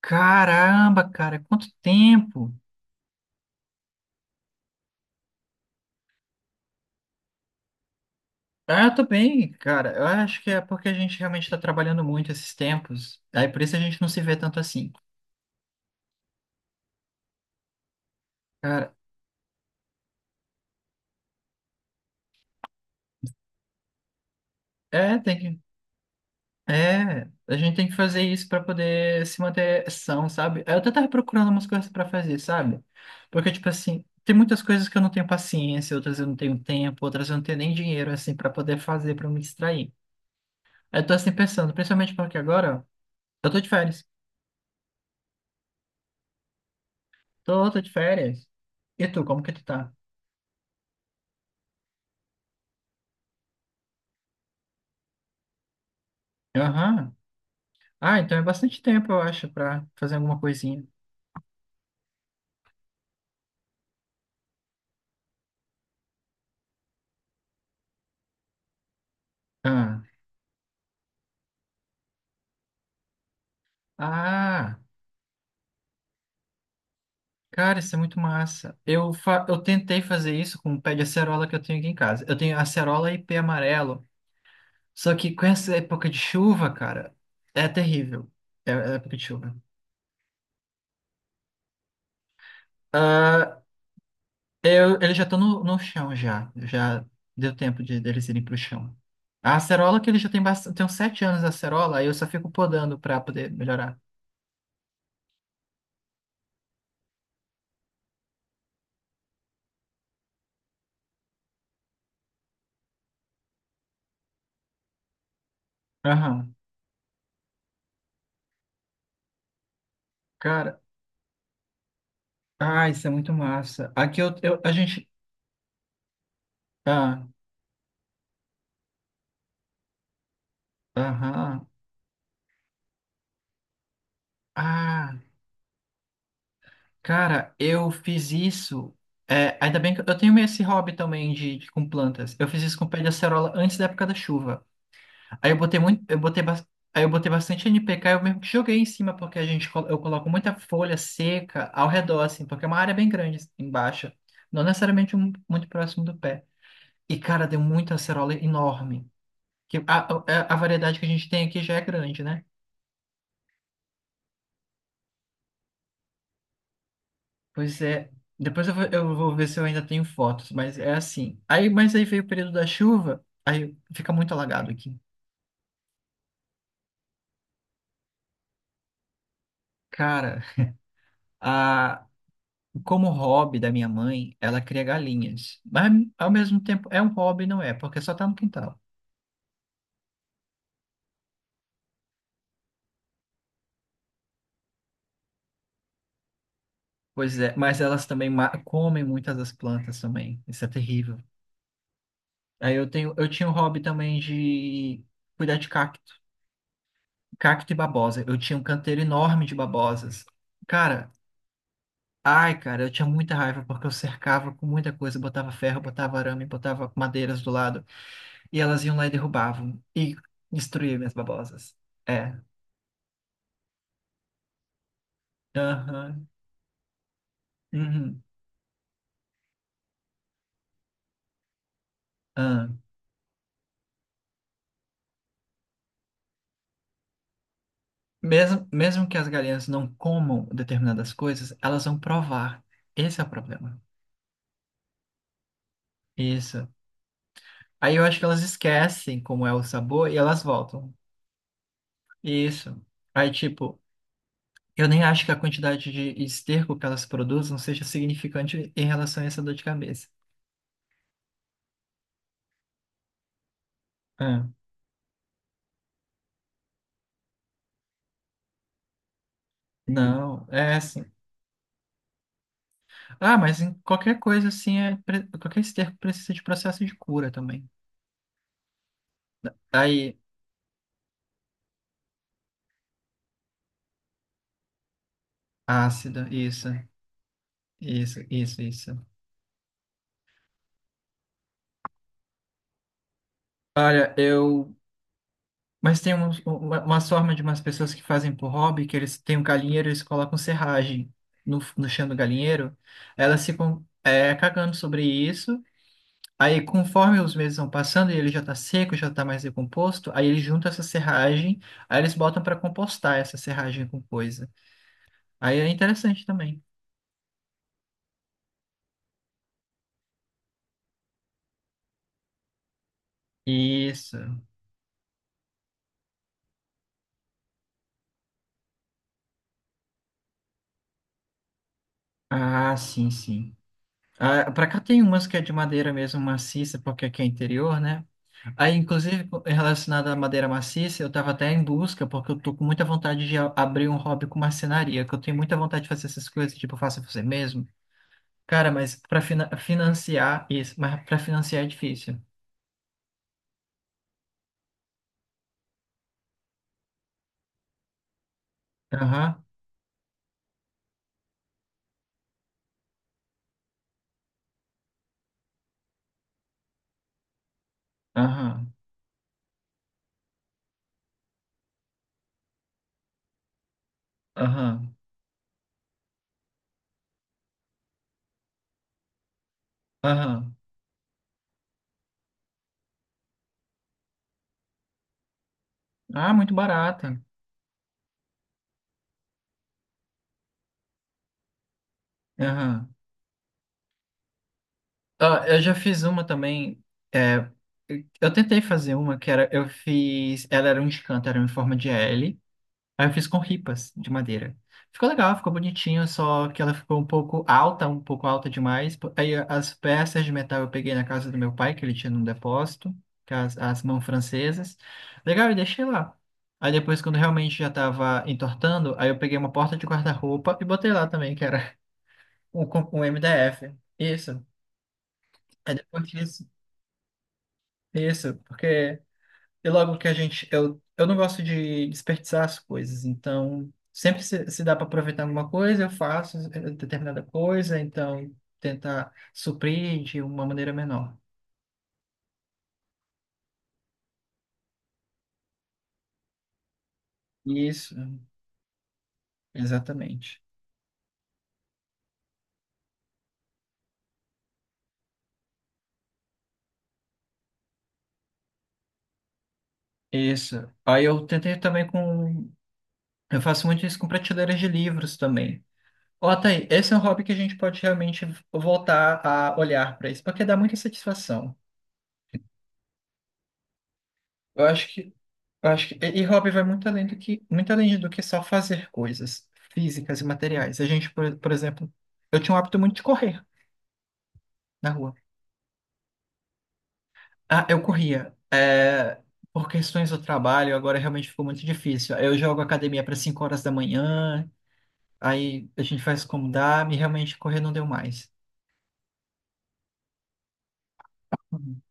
Caramba, cara, quanto tempo! Ah, eu tô bem, cara. Eu acho que é porque a gente realmente tá trabalhando muito esses tempos. Aí por isso a gente não se vê tanto assim. Cara, é, tem que. É, a gente tem que fazer isso pra poder se manter são, sabe? Eu até tava procurando umas coisas pra fazer, sabe? Porque, tipo assim, tem muitas coisas que eu não tenho paciência, outras eu não tenho tempo, outras eu não tenho nem dinheiro, assim, pra poder fazer, pra me distrair. Aí eu tô assim pensando, principalmente porque agora eu tô de férias. Tô, tô de férias. E tu, como que tu tá? Aham. Ah, então é bastante tempo, eu acho, pra fazer alguma coisinha. Ah, ah, cara, isso é muito massa. Eu tentei fazer isso com o pé de acerola que eu tenho aqui em casa. Eu tenho acerola e pé amarelo. Só que com essa época de chuva, cara, é terrível. É, é época de chuva. Ah, eu, eles já estão no chão já. Já deu tempo de, deles irem pro chão. A acerola que ele já tem bastante, tem uns sete anos a acerola, aí eu só fico podando pra poder melhorar. Aham. Cara, ah, isso é muito massa. Aqui eu, a gente. Ah, aham. Ah, cara, eu fiz isso. É, ainda bem que eu tenho meio esse hobby também com plantas. Eu fiz isso com pé de acerola antes da época da chuva. Aí eu botei muito, eu botei, aí eu botei bastante NPK, eu mesmo que joguei em cima porque eu coloco muita folha seca ao redor assim, porque é uma área bem grande assim, embaixo, não necessariamente muito próximo do pé. E cara, deu muita acerola enorme. Que a, a a variedade que a gente tem aqui já é grande, né? Pois é. Depois eu vou ver se eu ainda tenho fotos, mas é assim. Aí, mas aí veio o período da chuva, aí fica muito alagado aqui. Cara, a, como hobby da minha mãe, ela cria galinhas. Mas ao mesmo tempo é um hobby, não é? Porque só tá no quintal. Pois é, mas elas também comem muitas das plantas também. Isso é terrível. Aí eu tenho, eu tinha um hobby também de cuidar de cacto. Cacto e babosa. Eu tinha um canteiro enorme de babosas. Cara, ai, cara, eu tinha muita raiva porque eu cercava com muita coisa, botava ferro, botava arame, botava madeiras do lado, e elas iam lá e derrubavam e destruíam minhas babosas. É. Aham. Uhum. Aham. Mesmo, mesmo que as galinhas não comam determinadas coisas, elas vão provar. Esse é o problema. Isso. Aí eu acho que elas esquecem como é o sabor e elas voltam. Isso. Aí, tipo, eu nem acho que a quantidade de esterco que elas produzem seja significante em relação a essa dor de cabeça. Não, é assim. Ah, mas em qualquer coisa assim, é, qualquer esterco precisa de processo de cura também. Tá. Aí, ácida, isso, isso, isso, isso. Olha, eu. Mas tem uma forma de umas pessoas que fazem por hobby, que eles têm um galinheiro e eles colocam serragem no chão do galinheiro. Elas ficam é, cagando sobre isso. Aí, conforme os meses vão passando e ele já tá seco, já tá mais decomposto, aí eles juntam essa serragem, aí eles botam para compostar essa serragem com coisa. Aí é interessante também. Isso. Ah, sim, sim. Ah, para cá tem umas que é de madeira mesmo maciça, porque aqui é interior, né? Aí, inclusive, relacionado à madeira maciça, eu tava até em busca, porque eu tô com muita vontade de abrir um hobby com marcenaria, que eu tenho muita vontade de fazer essas coisas, tipo, faça você mesmo. Cara, mas para financiar é difícil. Aham, aham, aham, aham. Ah, muito barata. Aham. Ah, eu já fiz uma também. É, eu tentei fazer uma que era. Eu fiz. Ela era um escanto, era em forma de L. Aí eu fiz com ripas de madeira. Ficou legal, ficou bonitinho, só que ela ficou um pouco alta demais. Aí as peças de metal eu peguei na casa do meu pai, que ele tinha num depósito, que é as mãos francesas. Legal, e deixei lá. Aí depois, quando realmente já tava entortando, aí eu peguei uma porta de guarda-roupa e botei lá também, que era um MDF. Isso. Aí depois disso. Isso, porque e logo que a gente. Eu não gosto de desperdiçar as coisas, então sempre se dá para aproveitar alguma coisa, eu faço eh, determinada coisa, então tentar suprir de uma maneira menor. Isso, exatamente. Isso. Aí eu tentei também com. Eu faço muito isso com prateleiras de livros também. Ó, tá aí, esse é um hobby que a gente pode realmente voltar a olhar para isso, porque dá muita satisfação. Eu acho que Eu acho que, e hobby vai muito além do que, muito além do que só fazer coisas físicas e materiais. A gente, por exemplo, eu tinha um hábito muito de correr na rua. Ah, eu corria. É, por questões do trabalho, agora realmente ficou muito difícil. Eu jogo academia para 5 horas da manhã, aí a gente faz como dá, e realmente correr não deu mais. Uhum.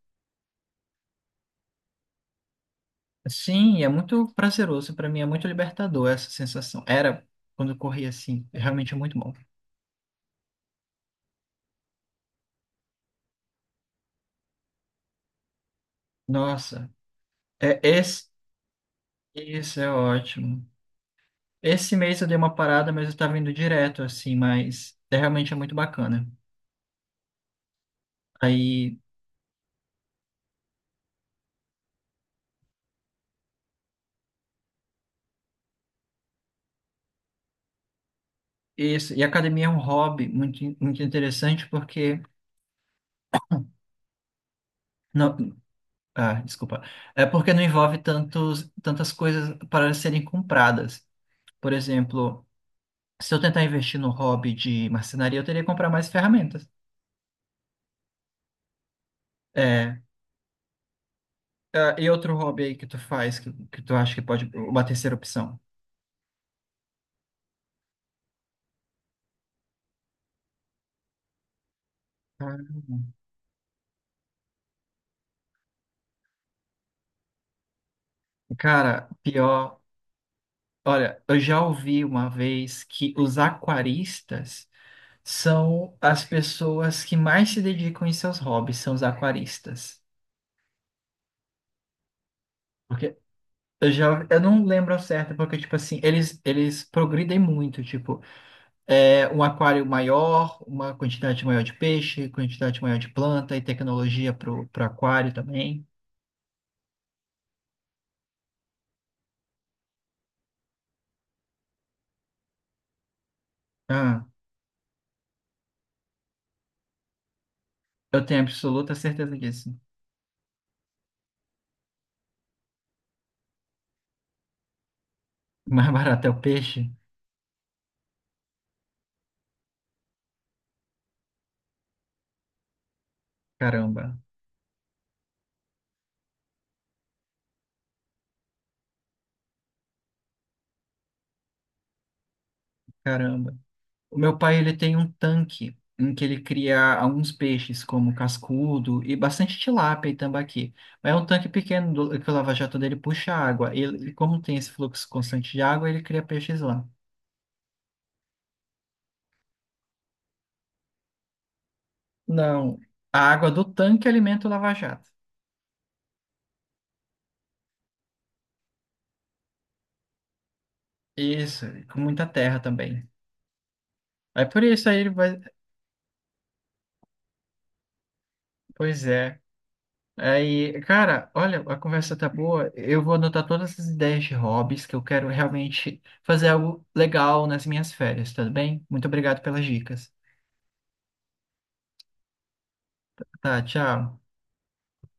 Sim, é muito prazeroso para mim, é muito libertador essa sensação. Era quando eu corria assim, realmente é realmente muito bom. Nossa, é esse, isso é ótimo. Esse mês eu dei uma parada, mas eu estava indo direto, assim, mas é, realmente é muito bacana. Aí, isso, e academia é um hobby muito, muito interessante porque, não, ah, desculpa, é porque não envolve tantas coisas para serem compradas. Por exemplo, se eu tentar investir no hobby de marcenaria, eu teria que comprar mais ferramentas. É, ah, e outro hobby aí que tu faz, que tu acha que pode, uma terceira opção? Ah, cara, pior. Olha, eu já ouvi uma vez que os aquaristas são as pessoas que mais se dedicam em seus hobbies, são os aquaristas. Porque eu não lembro ao certo, porque, tipo assim, eles progridem muito, tipo, é, um aquário maior, uma quantidade maior de peixe, quantidade maior de planta e tecnologia pro aquário também. Ah, eu tenho absoluta certeza disso. Mais barato é o peixe? Caramba, caramba. O meu pai, ele tem um tanque em que ele cria alguns peixes, como cascudo e bastante tilápia e tambaqui. Mas é um tanque pequeno que o lava-jato dele puxa água. Como tem esse fluxo constante de água, ele cria peixes lá. Não, a água do tanque alimenta o lava-jato. Isso, e com muita terra também. Aí por isso aí ele vai... Pois é. Aí, cara, olha, a conversa tá boa. Eu vou anotar todas essas ideias de hobbies que eu quero realmente fazer algo legal nas minhas férias, tudo bem? Muito obrigado pelas dicas. Tá, tchau.